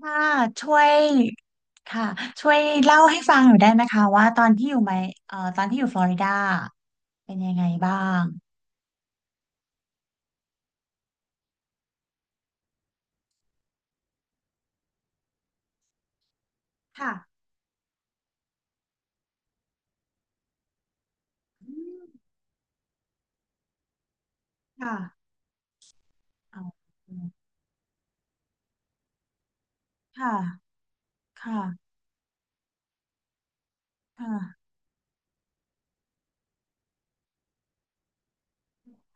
ค่ะช่วยค่ะช่วยเล่าให้ฟังหน่อยได้ไหมคะว่าตอนที่อยู่ฟลอริดาเป็นยังไงบ้างค่ะอืมค่ะเอาค่ะค่ะค่ะ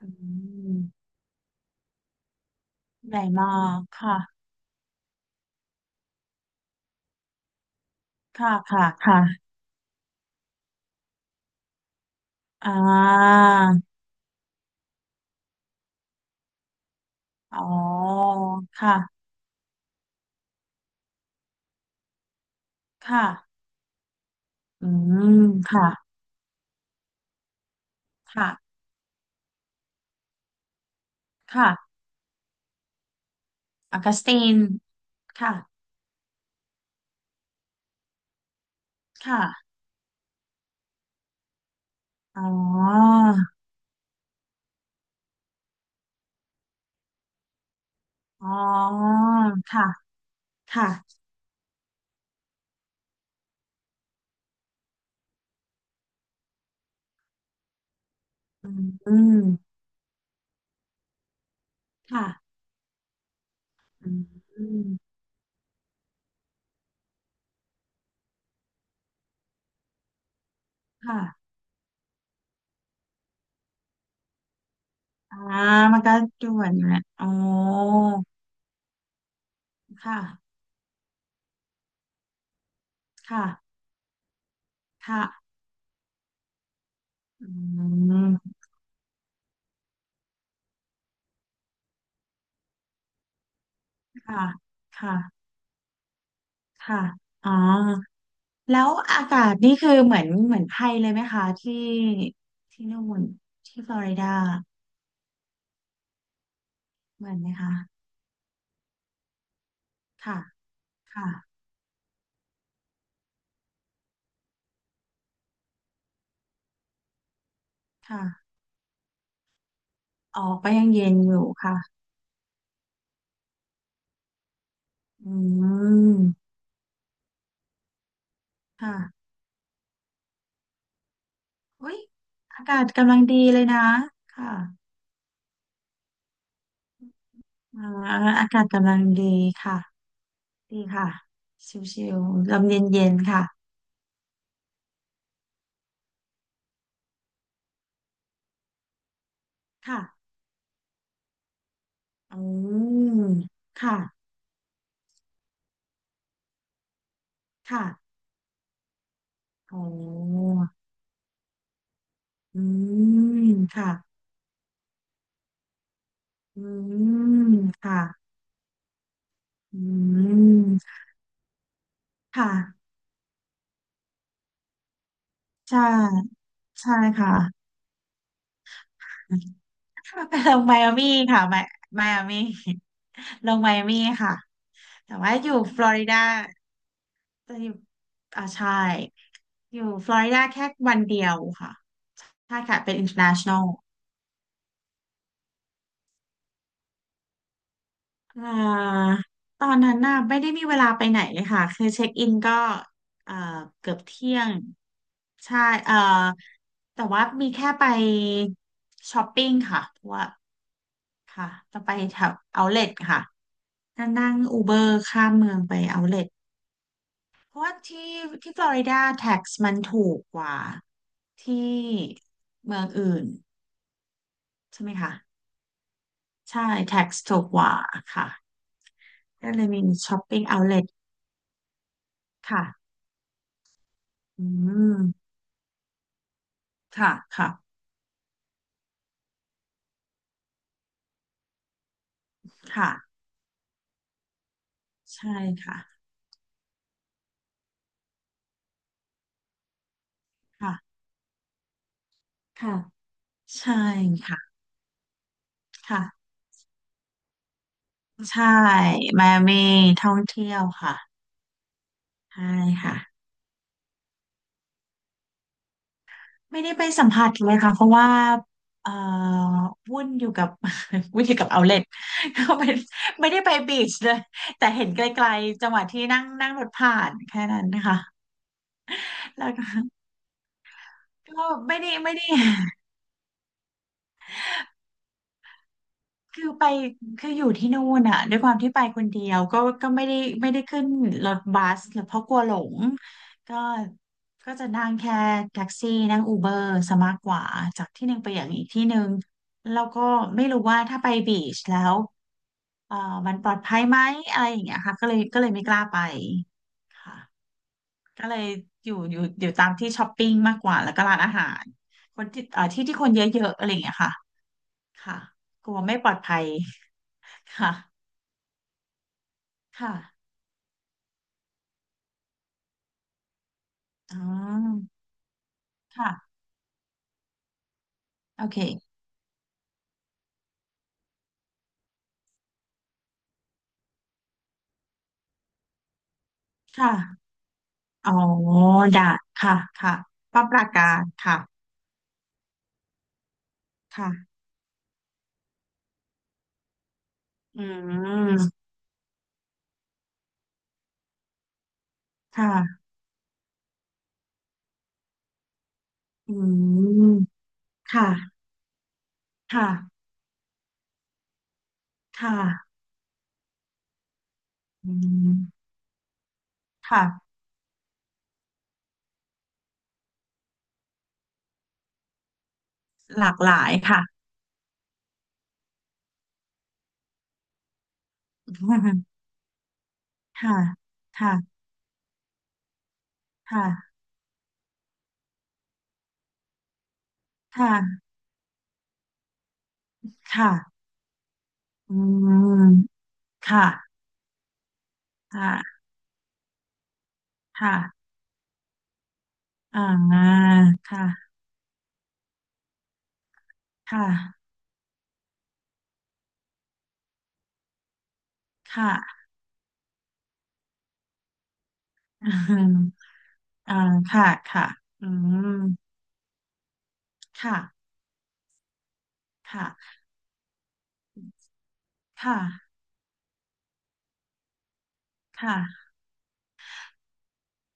อืมใหญ่มากค่ะค่ะค่ะค่ะอ่าอ๋อค่ะค่ะอืมค่ะค่ะค่ะอากาสตินค่ะค่ะอ๋ออ๋อค่ะค่ะ อืมค่ะอืมค่ะอ่ามันก็ด่วนอยู่แหละอ๋อค่ะค่ะค่ะอืมค่ะค่ะค่ะอ๋อแล้วอากาศนี่คือเหมือนไทยเลยไหมคะที่ที่นู่นที่ฟลอริดาเหมือนไหมคะค่ะค่ะค่ะออกไปยังเย็นอยู่ค่ะอืมค่ะอุ้ย อากาศกำลังดีเลยนะค่ะ อ่าอากาศกำลังดีค่ะดีค่ะชิวๆลมเย็นๆค่ะค่ะอืมค่ะค่ะโอ้อืมค่ะอืมค่ะอืมค่ะใช่ใช่ค่ะไปลงไมอามี่ค่ะไมอามี่ลงไมอามี่ค่ะแต่ว่าอยู่ฟลอริดาจะอยู่อ่าใช่อยู่ฟลอริดาแค่วันเดียวค่ะ ใช่ค่ะเป็น international อ่าตอนนั้นน่ะไม่ได้มีเวลาไปไหนเลยค่ะคือเช็คอินก็เอ่อเกือบเที่ยงใช่เอ่อแต่ว่ามีแค่ไปช้อปปิ้งค่ะเพราะว่าค่ะต้องไปแถวเอาเลทค่ะนั่งนั่งอูเบอร์ข้ามเมืองไปเอาเลทเพราะว่าที่ที่ฟลอริดาแท็กซ์มันถูกกว่าที่เมืองอื่นใช่ไหมคะใช่แท็กซ์ถูกกว่าค่ะก็เลยมีช้อปปิ้งเอาเล ค่ะอืมค่ะค่ะค่ะ ใช่ค่ะค่ะค่ะใช่ค่ะ ค่ะใช่มาเมท่องเที่ยวค่ะใช่ค่ะ ไม่ได้ไปสัมผัสเลยค่ะ เพราะว่าเอ่อวุ่นอยู่กับ วุ่นอยู่กับเอาเล็ต ก็ไม่ไม่ได้ไปบีชเลยแต่เห็นไกลๆจังหวะที่นั่งนั่งรถผ่านแค่นั้นนะคะแล้วก็ก็ไม่ได้ไม่ได้ คือไปคืออยู่ที่นู่นอ่ะด้วยความที่ไปคนเดียวก็ไม่ได้ไม่ได้ขึ้นรถบัสหรือเพราะกลัวหลงก็ก็จะนั่งแค่แท็กซี่นั่งอูเบอร์ซะมากกว่าจากที่หนึ่งไปอย่างอีกที่หนึ่งแล้วก็ไม่รู้ว่าถ้าไปบีชแล้วเอ่อมันปลอดภัยไหมอะไรอย่างเงี้ยค่ะก็เลยไม่กล้าไปค่ะก็เลยอยู่ตามที่ช้อปปิ้งมากกว่าแล้วก็ร้านอาหารคนที่ที่ที่คนเยอะๆอะไรอย่างเงี้ยค่ะค่ะกลัวไม่ปลอดภัย ค่ะค่ะอ๋อค่ะโอเคค่ะอ๋อได้ค่ะค่ะป้าประการค่ะค่ะอืมค่ะอืมค่ะค่ะ ค่ะอืมค่ะ หลากหลายค่ะ ค่ะค่ะค่ะค่ะค่ะอืมค่ะค่ะค่ะอ่าค่ะค่ะค่ะ อืมอ่าค่ะค่ะอืม ค่ะ ค่ะ ค่ะ ค่ะ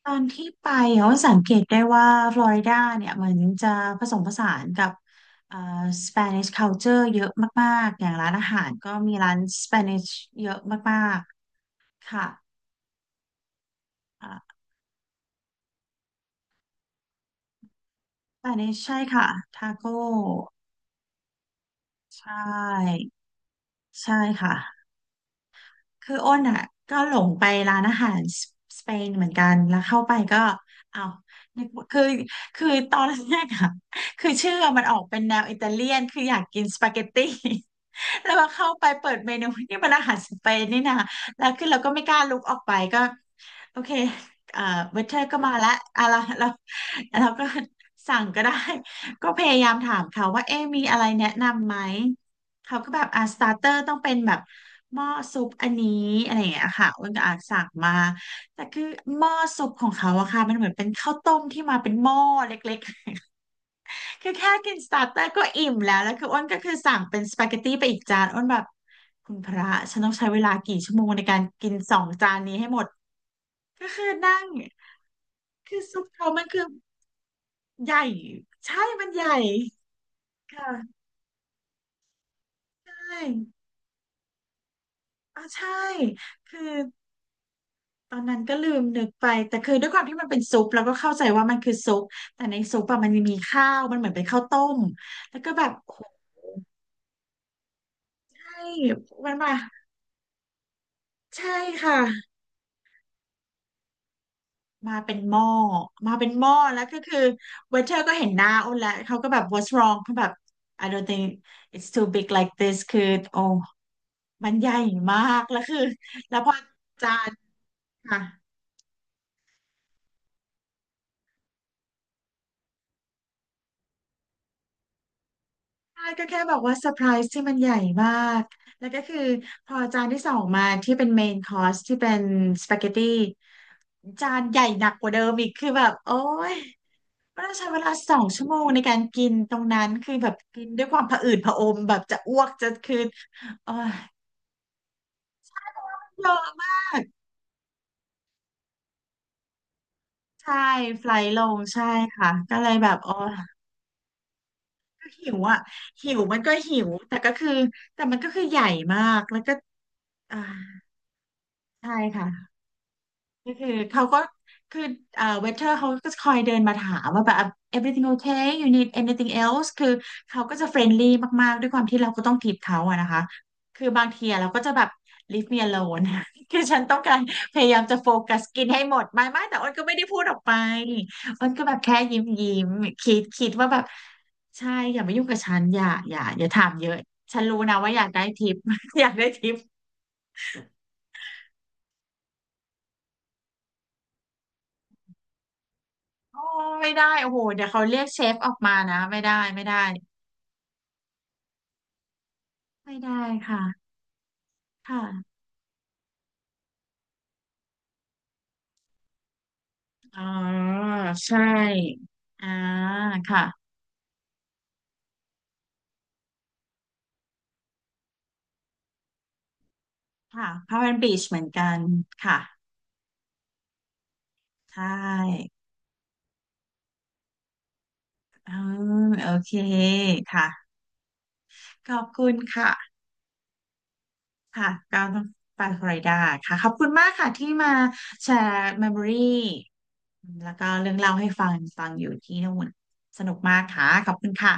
ตอนที่ไปเขาสังเกตได้ว่าฟลอริดาเนี่ยเหมือนจะผสมผสานกับเอ่อสเปนิชคัลเจอร์เยอะมากๆ อย่างร้านอาหารก็มีร้านสเปนิชเยอะมากๆ ค่ะอ่าสเปนิชใช่ค่ะทาโก้ใช่ ใช่ค่ะ คืออ้นอ่ะก็หลงไปร้านอาหารสเปนเหมือนกันแล้วเข้าไปก็อ้าวนึกว่าคือคือตอนแรกอ่ะคือชื่อมันออกเป็นแนวอิตาเลียนคืออยากกินสปาเกตตี้ แล้วพอเข้าไปเปิดเมนูนี่มันอาหารสเปนนี่นะแล้วคือเราก็ไม่กล้าลุกออกไปก็โอเคเอ่อเวเทอร์ก็มาละอะไรเราเราก็สั่งก็ได้ ก็พยายามถามเขาว่าเอ๊ะมีอะไรแนะนำไหม เขาก็แบบอ่าสตาร์เตอร์ต้องเป็นแบบหม้อซุปอันนี้อะไรอย่างเงี้ยค่ะอ้วนก็อาจสั่งมาแต่คือหม้อซุปของเขาอะค่ะมันเหมือนเป็นข้าวต้มที่มาเป็นหม้อเล็กๆ คือแค่กินสตาร์เตอร์ก็อิ่มแล้วแล้วคืออ้วนก็คือสั่งเป็นสปาเกตตี้ไปอีกจานอ้วนแบบคุณพระฉันต้องใช้เวลากี่ชั่วโมงในการกิน2 จานนี้ให้หมดก็คือนั่งคือซุปเขามันคือใหญ่ใช่มันใหญ่ค่ะใช่อ่าใช่คือ ตอนนั้นก็ลืมนึกไปแต่คือด้วยความที่มันเป็นซุปเราก็เข้าใจว่ามันคือซุปแต่ในซุปอะมันมีข้าวมันเหมือนเป็นข้าวต้มแล้วก็แบบโอ้ใช่มันมาใช่ค่ะมาเป็นหม้อมาเป็นหม้อแล้วก็คือเวเทอร์ก็เห็นหน้าอ้นแล้วเขาก็แบบ what's wrong เขาแบบ I don't think it's too big like this คือโอ้มันใหญ่มากแล้วคือแล้วพอจานค่ะ ใช่ก็แค่บอกว่าเซอร์ไพรส์ที่มันใหญ่มากแล้วก็คือพอจานที่สองมาที่เป็นเมนคอร์สที่เป็นสปาเกตตี้จานใหญ่หนักกว่าเดิมอีกคือแบบโอ้ยก็ต้องใช้เวลา2 ชั่วโมงในการกินตรงนั้นคือแบบกินด้วยความผะอืดผะอมแบบจะอ้วกจะคือโอ้ยเยอะมากใช่ไฟล์ลงใช่ค่ะก็เลยแบบอ๋อก็หิวอ่ะหิวมันก็หิวแต่ก็คือแต่มันก็คือใหญ่มากแล้วก็อ่าใช่ค่ะ ก็คือเขาก็คือเวเทอร์เขาก็คอยเดินมาถามว่าแบบ everything okay you need anything else คือเขาก็จะเฟรนลี่มากๆด้วยความที่เราก็ต้องทิปเขาอะนะคะคือบางทีอะเราก็จะแบบ leave me alone คือฉันต้องการพยายามจะโฟกัสกินให้หมดไม่ไม่แต่อ้นก็ไม่ได้พูดออกไปอ้นก็แบบแค่ยิ้มยิ้มคิดว่าแบบใช่อย่ามายุ่งกับฉันอย่าถามเยอะฉันรู้นะว่าอยากได้ทิป อยากได้ทิป โอ้ไม่ได้โอ้โหเดี๋ยวเขาเรียกเชฟออกมานะไม่ได้ไม่ได้ไม่ได้ค่ะค่ะอ๋อใช่อ่าค่ะค่ะพาวเวอร์บีชเหมือนกันค่ะใช่อืมโอเคค่ะขอบคุณค่ะค่ะก็ต้องไปฟลอริดาค่ะขอบคุณมากค่ะที่มาแชร์เมมโมรี่แล้วก็เรื่องเล่าให้ฟังฟังอยู่ที่นู่นสนุกมากค่ะขอบคุณค่ะ